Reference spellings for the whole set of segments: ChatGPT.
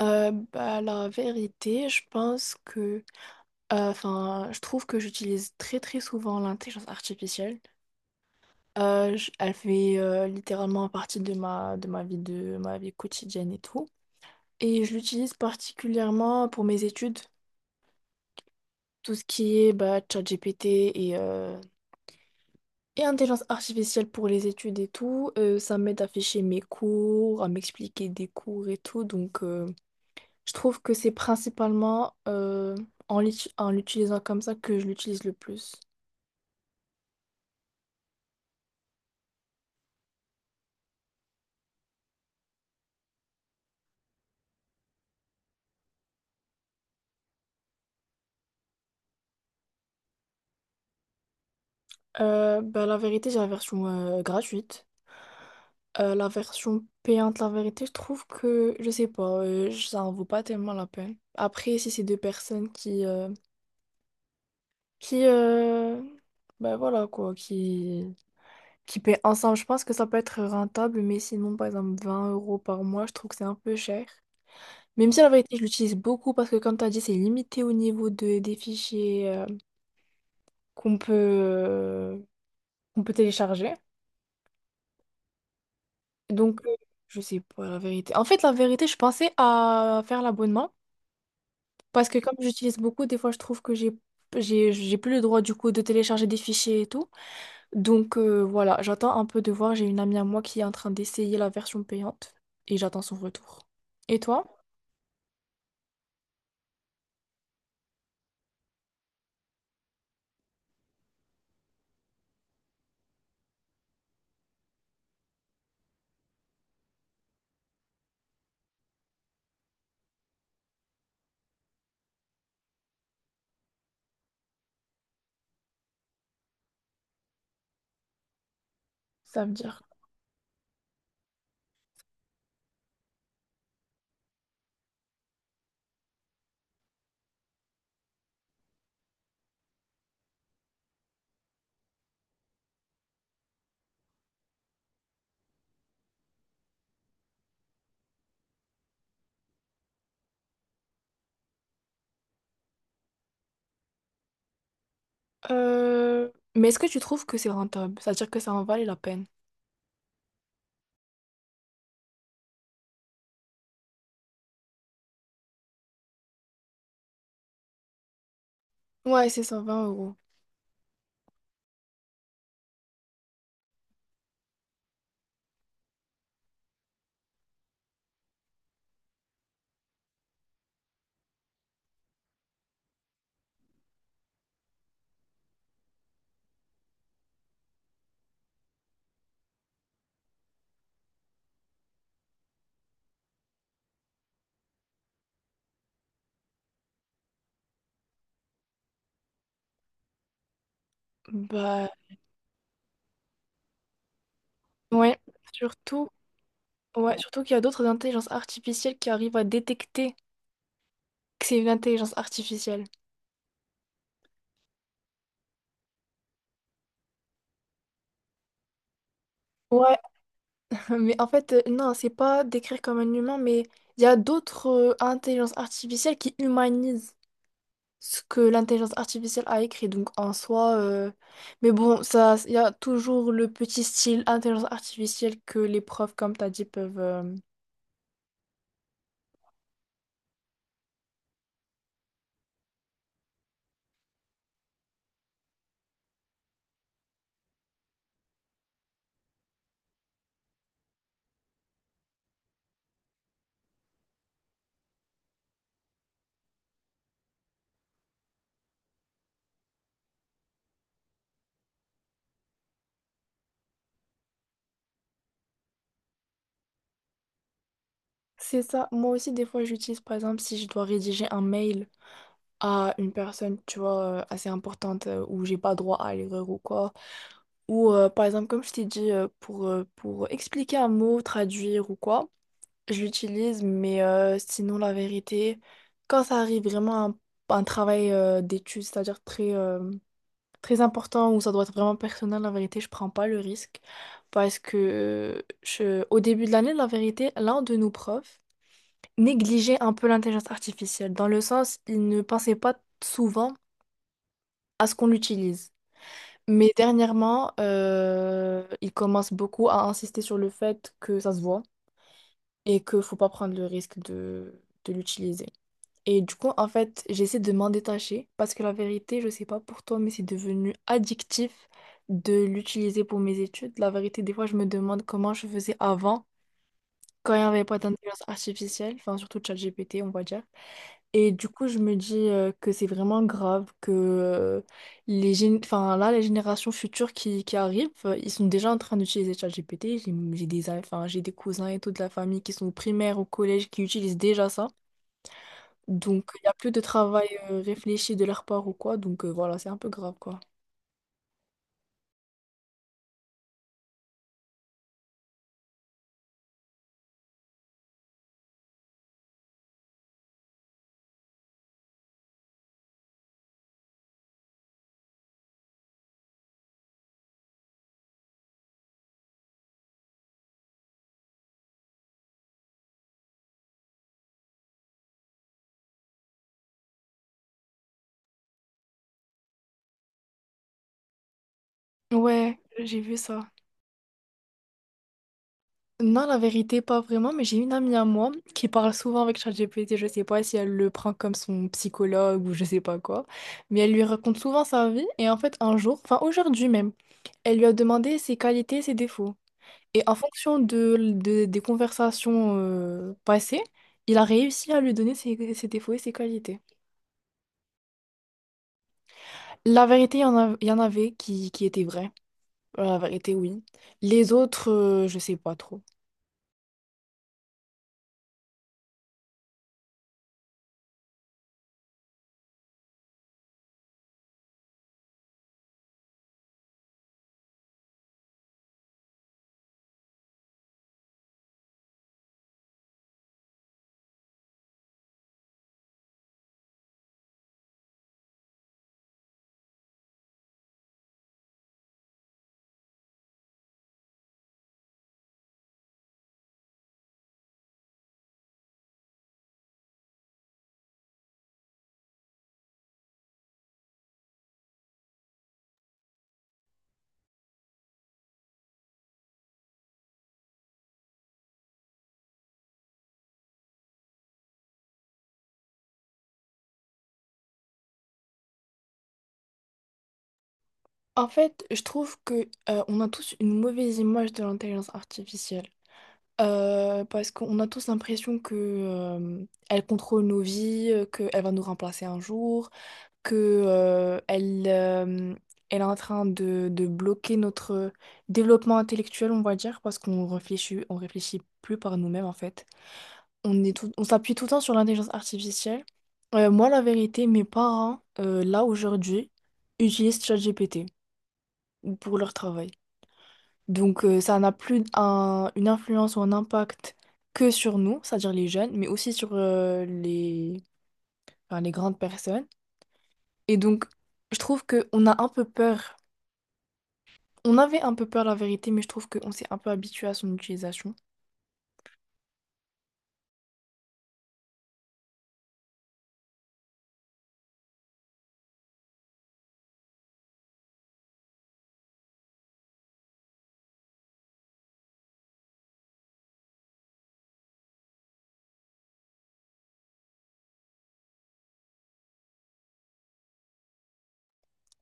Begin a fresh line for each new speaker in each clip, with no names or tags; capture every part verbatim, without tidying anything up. Euh, bah, la vérité, je pense que, euh, enfin, je trouve que j'utilise très très souvent l'intelligence artificielle. Euh, je- elle fait euh, littéralement partie de ma de ma vie de ma vie quotidienne et tout. Et je l'utilise particulièrement pour mes études, tout ce qui est bah, ChatGPT et euh, et intelligence artificielle pour les études et tout. Euh, ça m'aide à ficher mes cours, à m'expliquer des cours et tout, donc. euh, Je trouve que c'est principalement euh, en l'ut- en l'utilisant comme ça que je l'utilise le plus. Euh, bah, la vérité, j'ai la version euh, gratuite. Euh, la version payante, la vérité, je trouve que, je sais pas, euh, ça en vaut pas tellement la peine. Après, si c'est deux personnes qui, euh, qui, euh, bah, voilà quoi, qui, qui paient ensemble, je pense que ça peut être rentable, mais sinon, par exemple, vingt euros par mois, je trouve que c'est un peu cher. Même si la vérité, je l'utilise beaucoup parce que, comme tu as dit, c'est limité au niveau de, des fichiers. euh, qu'on peut, euh, qu'on peut télécharger. Donc, euh, je sais pas la vérité. En fait, la vérité, je pensais à faire l'abonnement parce que comme j'utilise beaucoup, des fois, je trouve que j'ai j'ai j'ai plus le droit du coup de télécharger des fichiers et tout. Donc euh, voilà, j'attends un peu de voir. J'ai une amie à moi qui est en train d'essayer la version payante et j'attends son retour. Et toi? Ça veut dire. Euh, Mais est-ce que tu trouves que c'est rentable? C'est-à-dire que ça en valait la peine? Ouais, c'est cent vingt euros. Bah, ouais. Surtout ouais, surtout qu'il y a d'autres intelligences artificielles qui arrivent à détecter que c'est une intelligence artificielle. Ouais, mais en fait, euh, non, c'est pas décrire comme un humain, mais il y a d'autres euh, intelligences artificielles qui humanisent ce que l'intelligence artificielle a écrit. Donc en soi, euh, mais bon, ça, il y a toujours le petit style intelligence artificielle que les profs, comme t'as dit, peuvent. euh, C'est ça. Moi aussi, des fois, j'utilise, par exemple, si je dois rédiger un mail à une personne, tu vois, euh, assez importante, euh, où j'ai pas droit à l'erreur ou quoi. Ou euh, par exemple, comme je t'ai dit, euh, pour, euh, pour expliquer un mot, traduire ou quoi, je l'utilise, mais euh, sinon, la vérité, quand ça arrive vraiment à un, un travail euh, d'étude, c'est-à-dire très, euh, très important, où ça doit être vraiment personnel, la vérité, je prends pas le risque. Parce que euh, je- au début de l'année, la vérité, l'un de nos profs négligeait un peu l'intelligence artificielle, dans le sens, il ne pensait pas souvent à ce qu'on l'utilise. Mais dernièrement, euh, il commence beaucoup à insister sur le fait que ça se voit et qu'il faut pas prendre le risque de, de l'utiliser. Et du coup, en fait, j'essaie de m'en détacher parce que la vérité, je sais pas pour toi, mais c'est devenu addictif de l'utiliser pour mes études. La vérité, des fois, je me demande comment je faisais avant quand il n'y avait pas d'intelligence artificielle, enfin surtout ChatGPT, on va dire. Et du coup, je me dis euh, que c'est vraiment grave que euh, les gén- enfin, là, les générations futures qui, qui arrivent, euh, ils sont déjà en train d'utiliser ChatGPT. J'ai j'ai des, a- enfin, j'ai des cousins et toute la famille qui sont au primaire, au collège, qui utilisent déjà ça. Donc, il n'y a plus de travail euh, réfléchi de leur part ou quoi. Donc, euh, voilà, c'est un peu grave, quoi. Ouais, j'ai vu ça. Non, la vérité, pas vraiment, mais j'ai une amie à moi qui parle souvent avec ChatGPT, je sais pas si elle le prend comme son psychologue ou je sais pas quoi, mais elle lui raconte souvent sa vie et en fait un jour, enfin aujourd'hui même, elle lui a demandé ses qualités, ses défauts. Et en fonction de, de- des conversations euh, passées, il a réussi à lui donner ses, ses défauts et ses qualités. La vérité, il y en a- il y en avait qui, qui étaient vraies. Euh, La vérité, oui. Les autres, euh, je sais pas trop. En fait, je trouve que euh, on a tous une mauvaise image de l'intelligence artificielle. Euh, parce qu'on a tous l'impression que euh, elle contrôle nos vies, euh, qu'elle va nous remplacer un jour. que euh, elle, euh, Elle est en train de, de bloquer notre développement intellectuel, on va dire, parce qu'on réfléchit, on réfléchit plus par nous-mêmes en fait. On est tout- on s'appuie tout le temps sur l'intelligence artificielle. Euh, moi, la vérité, mes parents, euh, là aujourd'hui, utilisent ChatGPT pour leur travail. Donc euh, ça n'a plus un- une influence ou un impact que sur nous, c'est-à-dire les jeunes, mais aussi sur euh, les, enfin, les grandes personnes. Et donc, je trouve qu'on a un peu peur. On avait un peu peur, la vérité, mais je trouve qu'on s'est un peu habitué à son utilisation.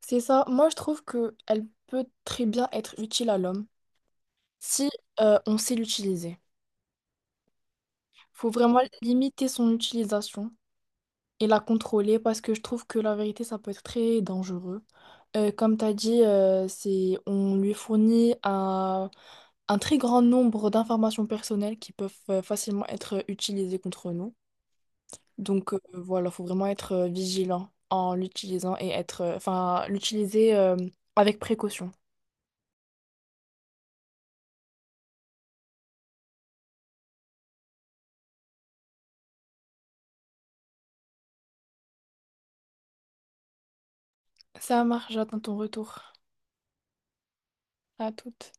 C'est ça. Moi, je trouve que elle peut très bien être utile à l'homme si euh, on sait l'utiliser. Faut vraiment limiter son utilisation et la contrôler parce que je trouve que la vérité, ça peut être très dangereux. Euh, comme tu as dit, euh, c'est, on lui fournit un, un très grand nombre d'informations personnelles qui peuvent euh, facilement être utilisées contre nous. Donc euh, voilà, il faut vraiment être euh, vigilant en l'utilisant et être, euh, enfin, l'utiliser euh, avec précaution. Ça marche, j'attends ton retour. À toute.